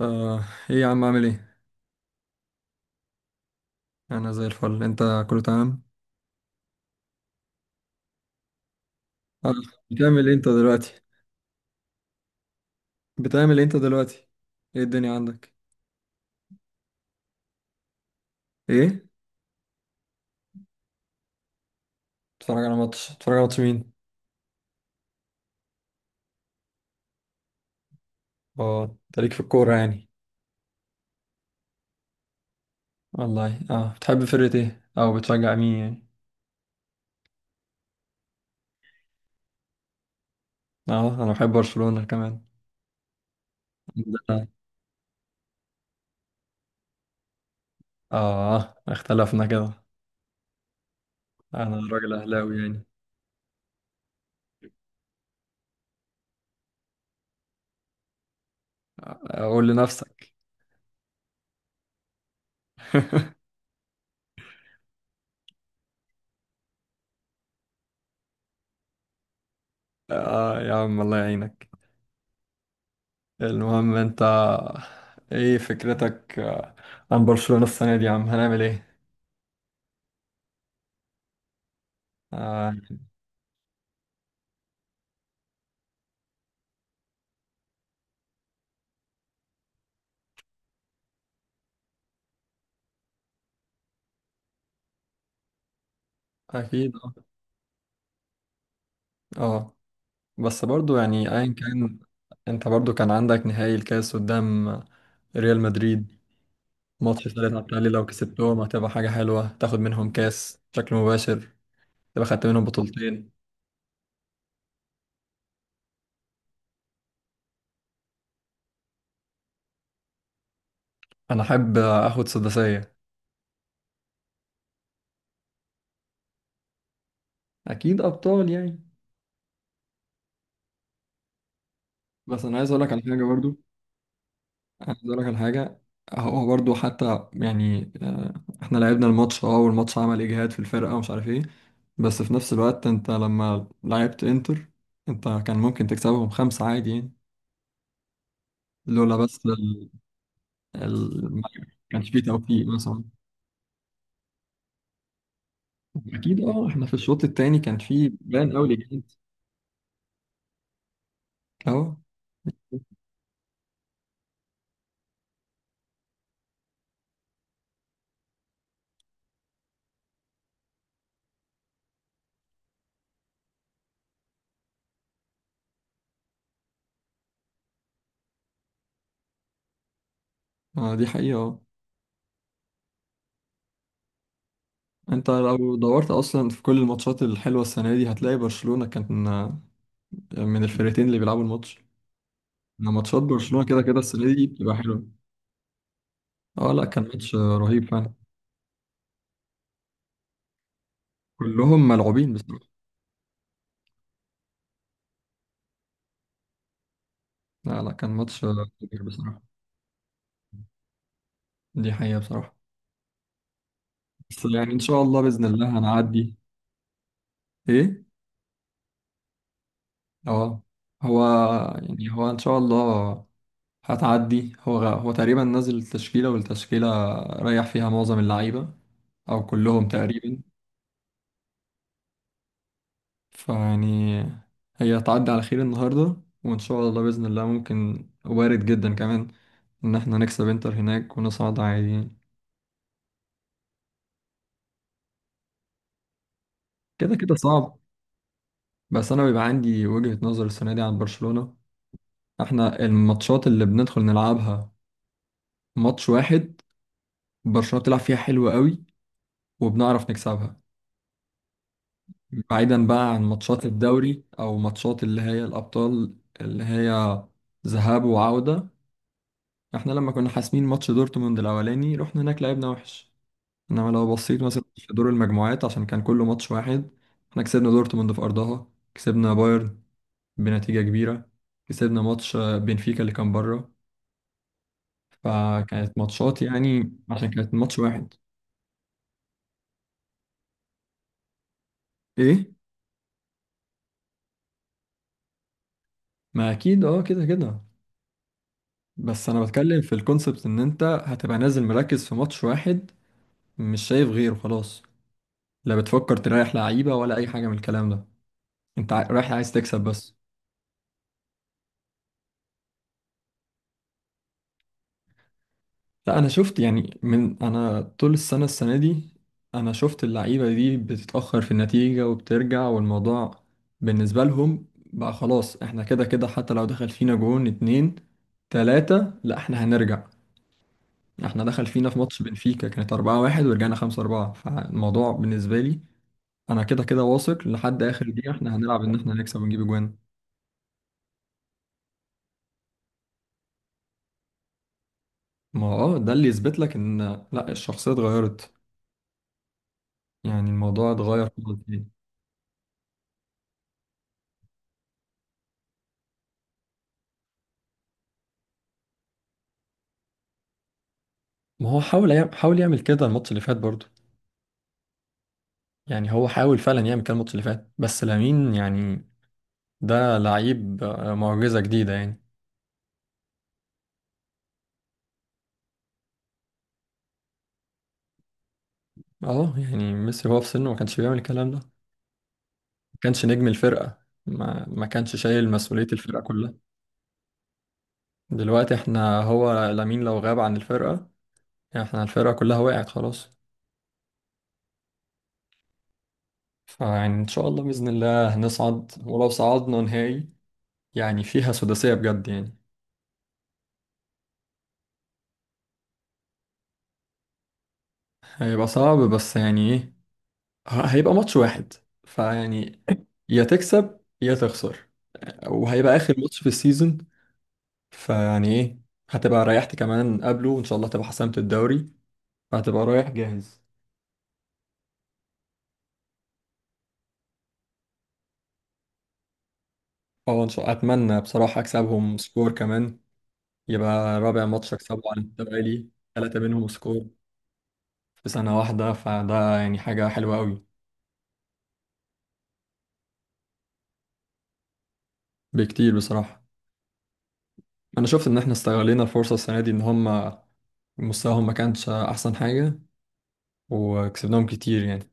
آه، ايه يا عم عامل ايه؟ انا زي الفل. انت كله تمام؟ آه، بتعمل ايه انت دلوقتي؟ بتعمل ايه انت دلوقتي؟ ايه الدنيا عندك؟ ايه؟ بتتفرج على ماتش مين؟ اه انت ليك في الكورة يعني. والله اه بتحب فرقة ايه؟ او بتشجع مين يعني؟ اه انا بحب برشلونة كمان. ده- اه اختلفنا كده. انا راجل اهلاوي يعني. آه، قول لنفسك. اه يا عم الله يعينك. المهم انت ايه فكرتك عن برشلونة السنة دي يا عم هنعمل ايه؟ آه، اكيد اه. آه. بس برضو يعني ايا كان، انت برضو كان عندك نهائي الكاس قدام ريال مدريد. ماتش ثالث على التالي لو كسبتهم هتبقى حاجة حلوة تاخد منهم كاس بشكل مباشر، تبقى خدت منهم بطولتين. انا احب اخد سداسية. اكيد ابطال يعني. بس انا عايز اقول لك على حاجة برضو، عايز اقول لك على حاجه. هو برضو حتى يعني احنا لعبنا الماتش اه والماتش عمل اجهاد في الفرقه ومش عارف ايه. بس في نفس الوقت انت لما لعبت انتر انت كان ممكن تكسبهم خمسة عادي يعني، لولا بس ما كانش فيه توفيق مثلا. اكيد اه احنا في الشوط التاني كان فيه بان قوي الاجهاد. اهو. آه، دي حقيقه اه. انت لو دورت اصلا في كل الماتشات الحلوه السنه دي هتلاقي برشلونه كانت من الفرقتين اللي بيلعبوا الماتش. انا ماتشات برشلونة كده كده السنة دي بتبقى حلوة. اه لا كان ماتش رهيب فعلا. كلهم ملعوبين بصراحة. لا لا كان ماتش كبير بصراحة. دي حقيقة بصراحة. بس يعني ان شاء الله بإذن الله هنعدي. ايه؟ اه هو يعني هو ان شاء الله هتعدي. هو تقريبا نزل التشكيلة والتشكيلة ريح فيها معظم اللعيبة او كلهم تقريبا. فيعني هي هتعدي على خير النهاردة، وإن شاء الله بإذن الله ممكن وارد جدا كمان إن إحنا نكسب إنتر هناك ونصعد عاديين. كده كده صعب. بس أنا بيبقى عندي وجهة نظر السنة دي عن برشلونة. إحنا الماتشات اللي بندخل نلعبها ماتش واحد برشلونة بتلعب فيها حلو قوي وبنعرف نكسبها، بعيدا بقى عن ماتشات الدوري أو ماتشات اللي هي الأبطال اللي هي ذهاب وعودة. إحنا لما كنا حاسمين ماتش دورتموند الأولاني رحنا هناك لعبنا وحش. انما لو بصيت مثلا في دور المجموعات عشان كان كله ماتش واحد، احنا كسبنا دورتموند في ارضها، كسبنا بايرن بنتيجة كبيرة، كسبنا ماتش بنفيكا اللي كان بره. فكانت ماتشات يعني عشان كانت ماتش واحد. ايه؟ ما اكيد اه كده كده. بس انا بتكلم في الكونسبت ان انت هتبقى نازل مركز في ماتش واحد، مش شايف غيره خلاص، لا بتفكر تريح لعيبة ولا اي حاجة من الكلام ده. انت رايح عايز تكسب بس. لا انا شفت يعني من انا طول السنه السنه دي، انا شفت اللعيبه دي بتتاخر في النتيجه وبترجع، والموضوع بالنسبه لهم بقى خلاص احنا كده كده حتى لو دخل فينا جون اتنين تلاته لا احنا هنرجع. احنا دخل فينا في ماتش بنفيكا كانت 4-1 ورجعنا 5-4. فالموضوع بالنسبة لي أنا كده كده واثق لحد آخر دقيقة احنا هنلعب إن احنا نكسب ونجيب أجوان. ما هو اه ده اللي يثبت لك إن لا الشخصية اتغيرت، يعني الموضوع اتغير خالص. ما هو حاول يعمل كده الماتش اللي فات برضه. يعني هو حاول فعلا يعمل كده الماتش اللي فات بس لامين يعني ده لعيب معجزة جديدة يعني. اه يعني ميسي هو في سنه ما كانش بيعمل الكلام ده، ما كانش نجم الفرقة، ما كانش شايل مسؤولية الفرقة كلها. دلوقتي احنا هو لامين لو غاب عن الفرقة يعني احنا الفرقة كلها وقعت خلاص. فيعني ان شاء الله بإذن الله هنصعد، ولو صعدنا نهائي يعني فيها سداسية بجد يعني. هيبقى صعب بس يعني ايه، هيبقى ماتش واحد، فيعني يا تكسب يا تخسر، وهيبقى اخر ماتش في السيزون. فيعني ايه، هتبقى ريحت كمان قبله وان شاء الله هتبقى حسمت الدوري، فهتبقى رايح جاهز. اه ان شاء الله. اتمنى بصراحة اكسبهم سكور كمان، يبقى رابع ماتش اكسبه على التوالي. ثلاثة منهم سكور في سنة واحدة، فده يعني حاجة حلوة قوي. بكتير بصراحة. انا شفت ان احنا استغلينا الفرصة السنة دي ان هم مستواهم ما كانش احسن حاجة وكسبناهم كتير يعني.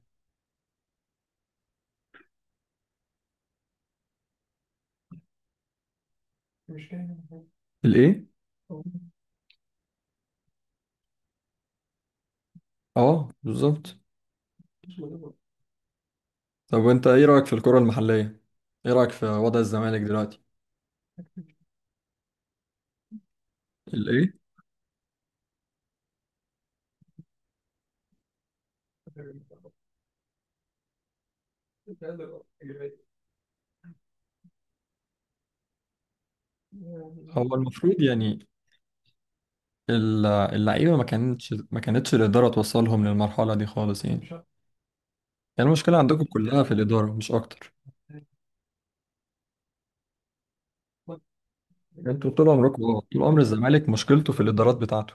الايه؟ اه بالظبط. طب وانت ايه رأيك في الكرة المحلية؟ ايه رأيك في وضع الزمالك دلوقتي؟ الايه؟ هو المفروض يعني اللعيبة، ما كانتش الإدارة توصلهم للمرحلة دي خالص يعني. يعني المشكلة عندكم كلها في الإدارة مش أكتر. انتوا طول عمركم اه طول عمر الزمالك مشكلته في الإدارات بتاعته.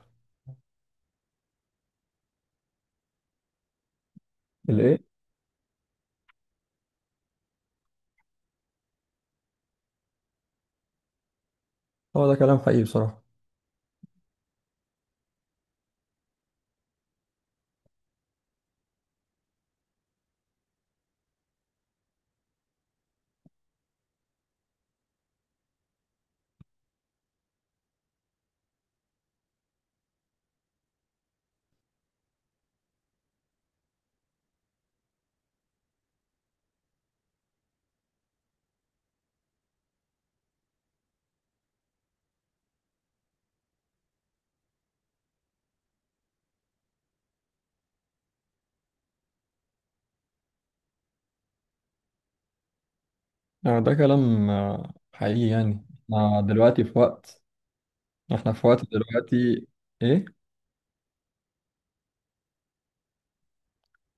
الايه؟ هو ده كلام حقيقي بصراحة. يعني ده كلام حقيقي. يعني احنا دلوقتي في وقت، احنا في وقت دلوقتي. ايه؟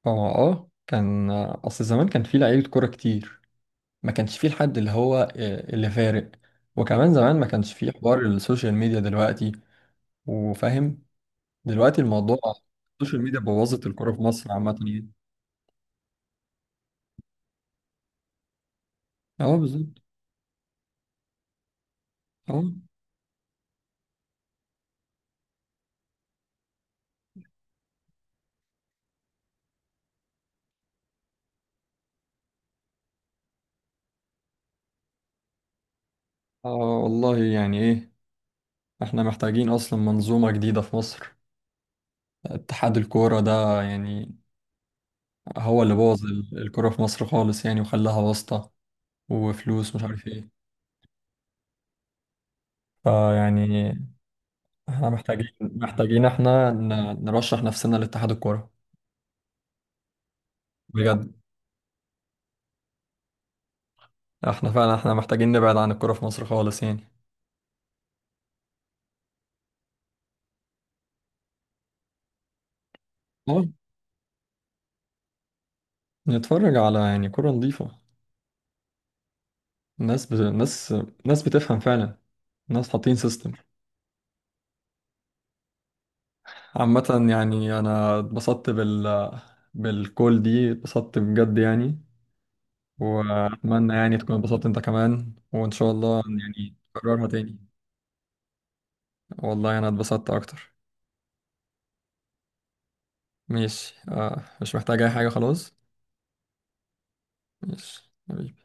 اه اه كان اصل زمان كان في لعيبة كورة كتير. ما كانش فيه الحد اللي هو اللي فارق. وكمان زمان ما كانش فيه حوار السوشيال ميديا دلوقتي، وفاهم دلوقتي الموضوع. السوشيال ميديا بوظت الكورة في مصر عامة يعني. اه بالظبط. اه آه، والله يعني ايه، احنا محتاجين اصلا منظومة جديدة في مصر. اتحاد الكورة ده يعني هو اللي بوظ الكورة في مصر خالص يعني، وخلاها واسطة وفلوس مش عارف ايه. فيعني احنا محتاجين احنا نرشح نفسنا لاتحاد الكورة بجد. احنا فعلا احنا محتاجين نبعد عن الكرة في مصر خالص يعني. اه نتفرج على يعني كرة نظيفة، ناس ناس بتفهم فعلا، ناس حاطين سيستم. عامة يعني أنا اتبسطت بالكول دي، اتبسطت بجد يعني. وأتمنى يعني تكون اتبسطت أنت كمان، وإن شاء الله يعني نكررها تاني. والله أنا اتبسطت أكتر. ماشي مش محتاج أي حاجة خلاص. ماشي حبيبي.